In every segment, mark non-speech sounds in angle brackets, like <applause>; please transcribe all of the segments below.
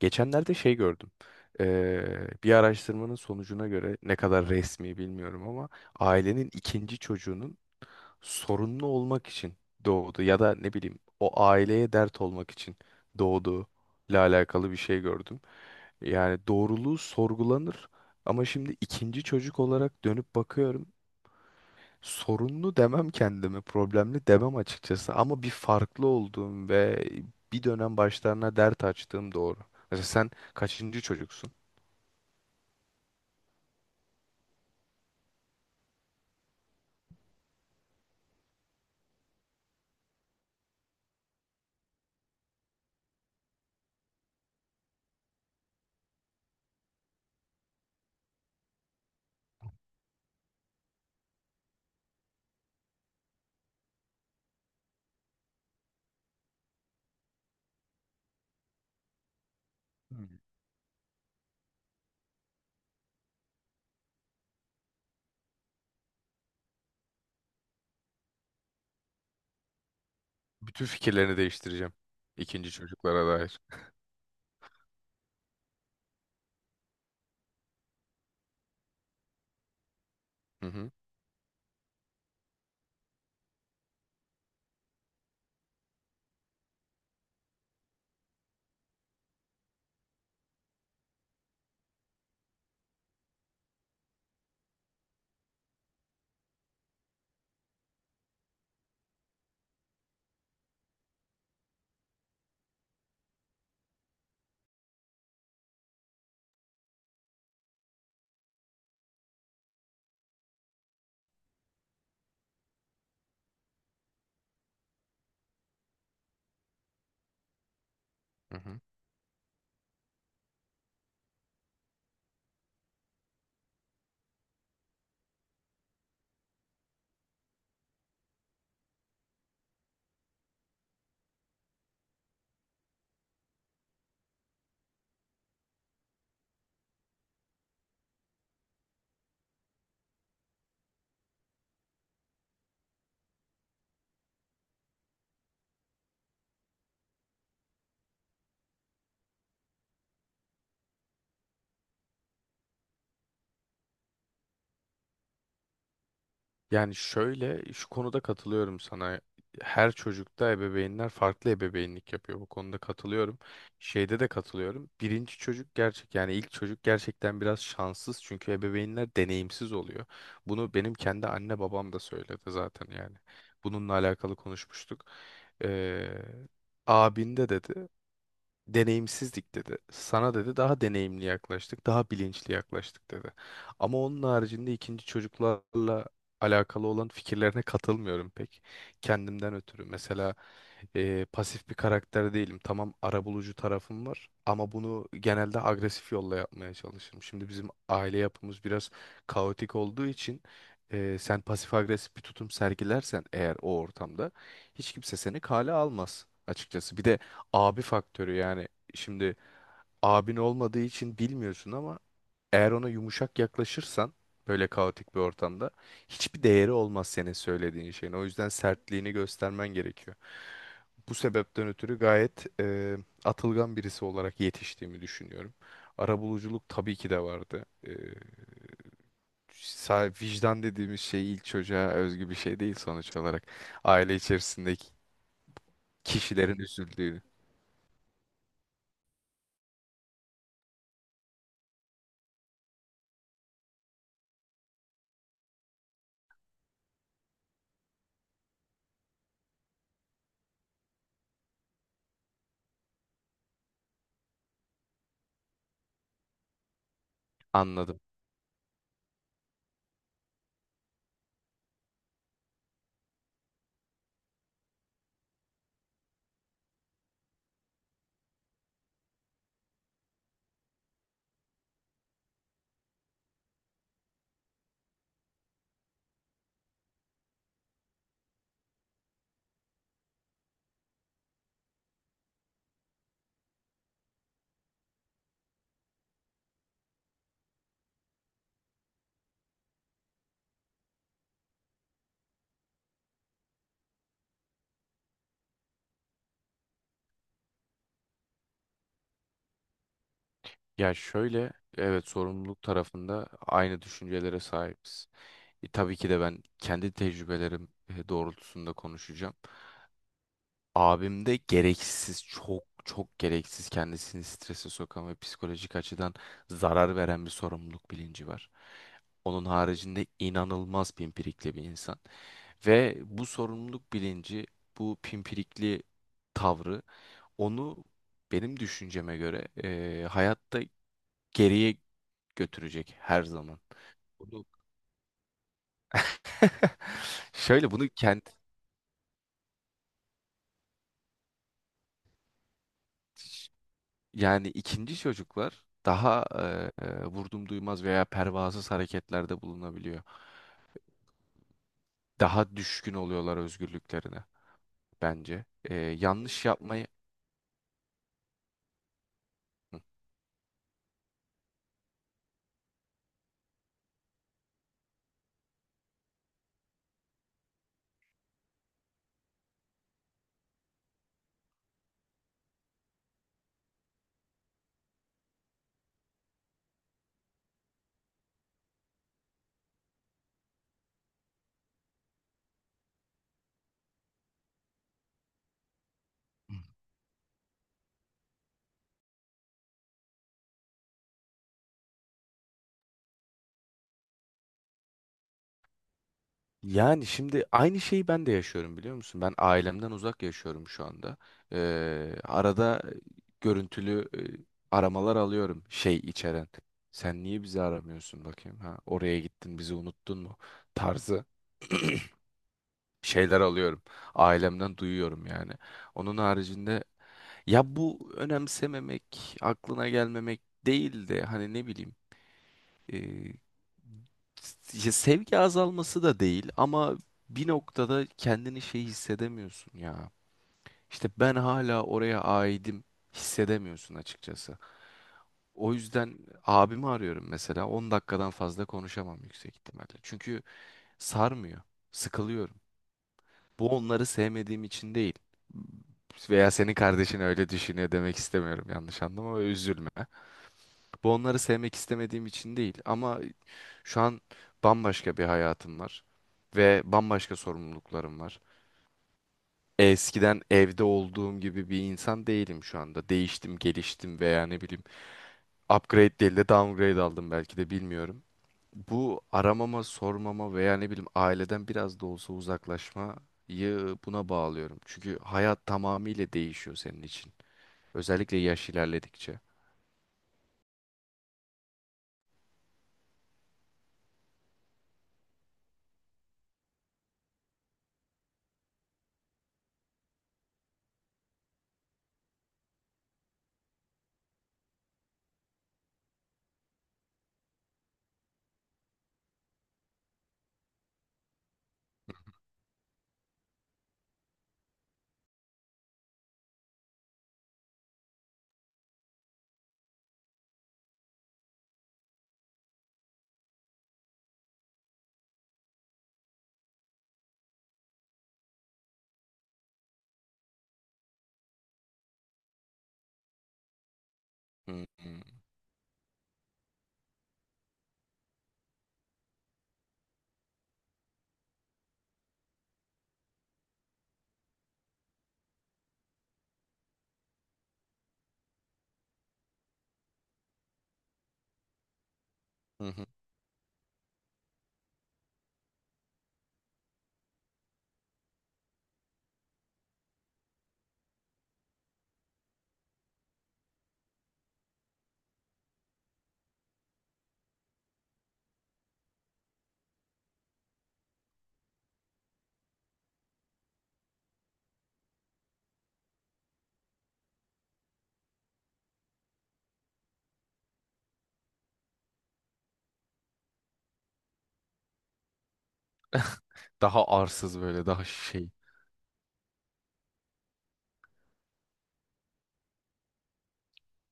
Geçenlerde şey gördüm. Bir araştırmanın sonucuna göre ne kadar resmi bilmiyorum ama ailenin ikinci çocuğunun sorunlu olmak için doğdu ya da ne bileyim o aileye dert olmak için doğduğu ile alakalı bir şey gördüm. Yani doğruluğu sorgulanır ama şimdi ikinci çocuk olarak dönüp bakıyorum. Sorunlu demem kendimi, problemli demem açıkçası ama bir farklı olduğum ve bir dönem başlarına dert açtığım doğru. Mesela sen kaçıncı çocuksun? Hmm. Bütün fikirlerini değiştireceğim ikinci çocuklara dair. Hı hı. Hı hı. Yani şöyle şu konuda katılıyorum sana. Her çocukta ebeveynler farklı ebeveynlik yapıyor. Bu konuda katılıyorum. Şeyde de katılıyorum. Birinci çocuk gerçek yani ilk çocuk gerçekten biraz şanssız çünkü ebeveynler deneyimsiz oluyor. Bunu benim kendi anne babam da söyledi zaten yani. Bununla alakalı konuşmuştuk. Ee, Abinde dedi deneyimsizdik dedi. Sana dedi daha deneyimli yaklaştık, daha bilinçli yaklaştık dedi. Ama onun haricinde ikinci çocuklarla alakalı olan fikirlerine katılmıyorum pek. Kendimden ötürü. Mesela pasif bir karakter değilim. Tamam arabulucu tarafım var ama bunu genelde agresif yolla yapmaya çalışırım. Şimdi bizim aile yapımız biraz kaotik olduğu için sen pasif agresif bir tutum sergilersen eğer o ortamda hiç kimse seni kale almaz açıkçası. Bir de abi faktörü yani şimdi abin olmadığı için bilmiyorsun ama eğer ona yumuşak yaklaşırsan böyle kaotik bir ortamda hiçbir değeri olmaz senin söylediğin şeyin. O yüzden sertliğini göstermen gerekiyor. Bu sebepten ötürü gayet atılgan birisi olarak yetiştiğimi düşünüyorum. Arabuluculuk tabii ki de vardı. Vicdan dediğimiz şey ilk çocuğa özgü bir şey değil sonuç olarak. Aile içerisindeki kişilerin üzüldüğünü anladım. Ya şöyle, evet sorumluluk tarafında aynı düşüncelere sahibiz. Tabii ki de ben kendi tecrübelerim doğrultusunda konuşacağım. Abimde gereksiz, çok çok gereksiz kendisini strese sokan ve psikolojik açıdan zarar veren bir sorumluluk bilinci var. Onun haricinde inanılmaz pimpirikli bir insan. Ve bu sorumluluk bilinci, bu pimpirikli tavrı onu benim düşünceme göre hayatta geriye götürecek her zaman. Bunu <laughs> Şöyle bunu kent yani ikinci çocuklar daha vurdum duymaz veya pervasız hareketlerde bulunabiliyor. Daha düşkün oluyorlar özgürlüklerine bence. Yanlış yapmayı. Hı. Yani şimdi aynı şeyi ben de yaşıyorum biliyor musun? Ben ailemden uzak yaşıyorum şu anda. Arada görüntülü aramalar alıyorum şey içeren. Sen niye bizi aramıyorsun bakayım ha? Oraya gittin bizi unuttun mu? Tarzı şeyler alıyorum. Ailemden duyuyorum yani. Onun haricinde ya bu önemsememek, aklına gelmemek değil de hani ne bileyim e, ya sevgi azalması da değil ama bir noktada kendini şey hissedemiyorsun ya. İşte ben hala oraya aidim hissedemiyorsun açıkçası. O yüzden abimi arıyorum mesela. 10 dakikadan fazla konuşamam yüksek ihtimalle. Çünkü sarmıyor, sıkılıyorum. Bu onları sevmediğim için değil. Veya senin kardeşin öyle düşünüyor demek istemiyorum, yanlış anlama ve üzülme. Bu onları sevmek istemediğim için değil ama şu an bambaşka bir hayatım var ve bambaşka sorumluluklarım var. Eskiden evde olduğum gibi bir insan değilim şu anda. Değiştim, geliştim veya ne bileyim upgrade değil de downgrade aldım belki de bilmiyorum. Bu aramama, sormama veya ne bileyim aileden biraz da olsa uzaklaşmayı buna bağlıyorum. Çünkü hayat tamamıyla değişiyor senin için. Özellikle yaş ilerledikçe. Hı hı, hı hı. Daha arsız böyle, daha şey.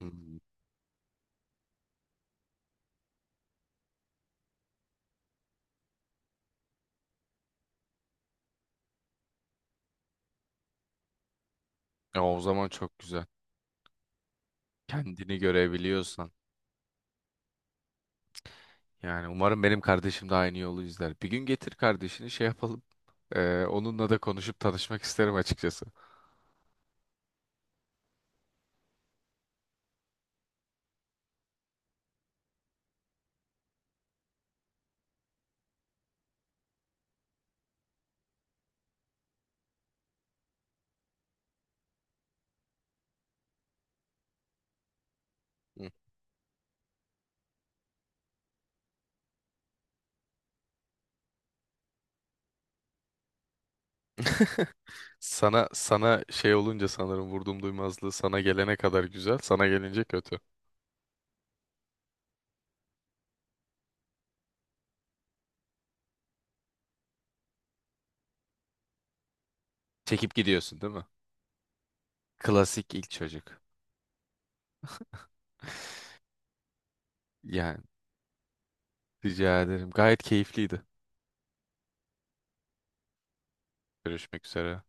Hı. Hı. Ya o zaman çok güzel. Kendini görebiliyorsan. Yani umarım benim kardeşim de aynı yolu izler. Bir gün getir kardeşini şey yapalım. Onunla da konuşup tanışmak isterim açıkçası. Hı. <laughs> Sana şey olunca sanırım vurdum duymazlığı sana gelene kadar güzel, sana gelince kötü. Çekip gidiyorsun değil mi? Klasik ilk çocuk. Yani rica ederim. Gayet keyifliydi. Görüşmek üzere.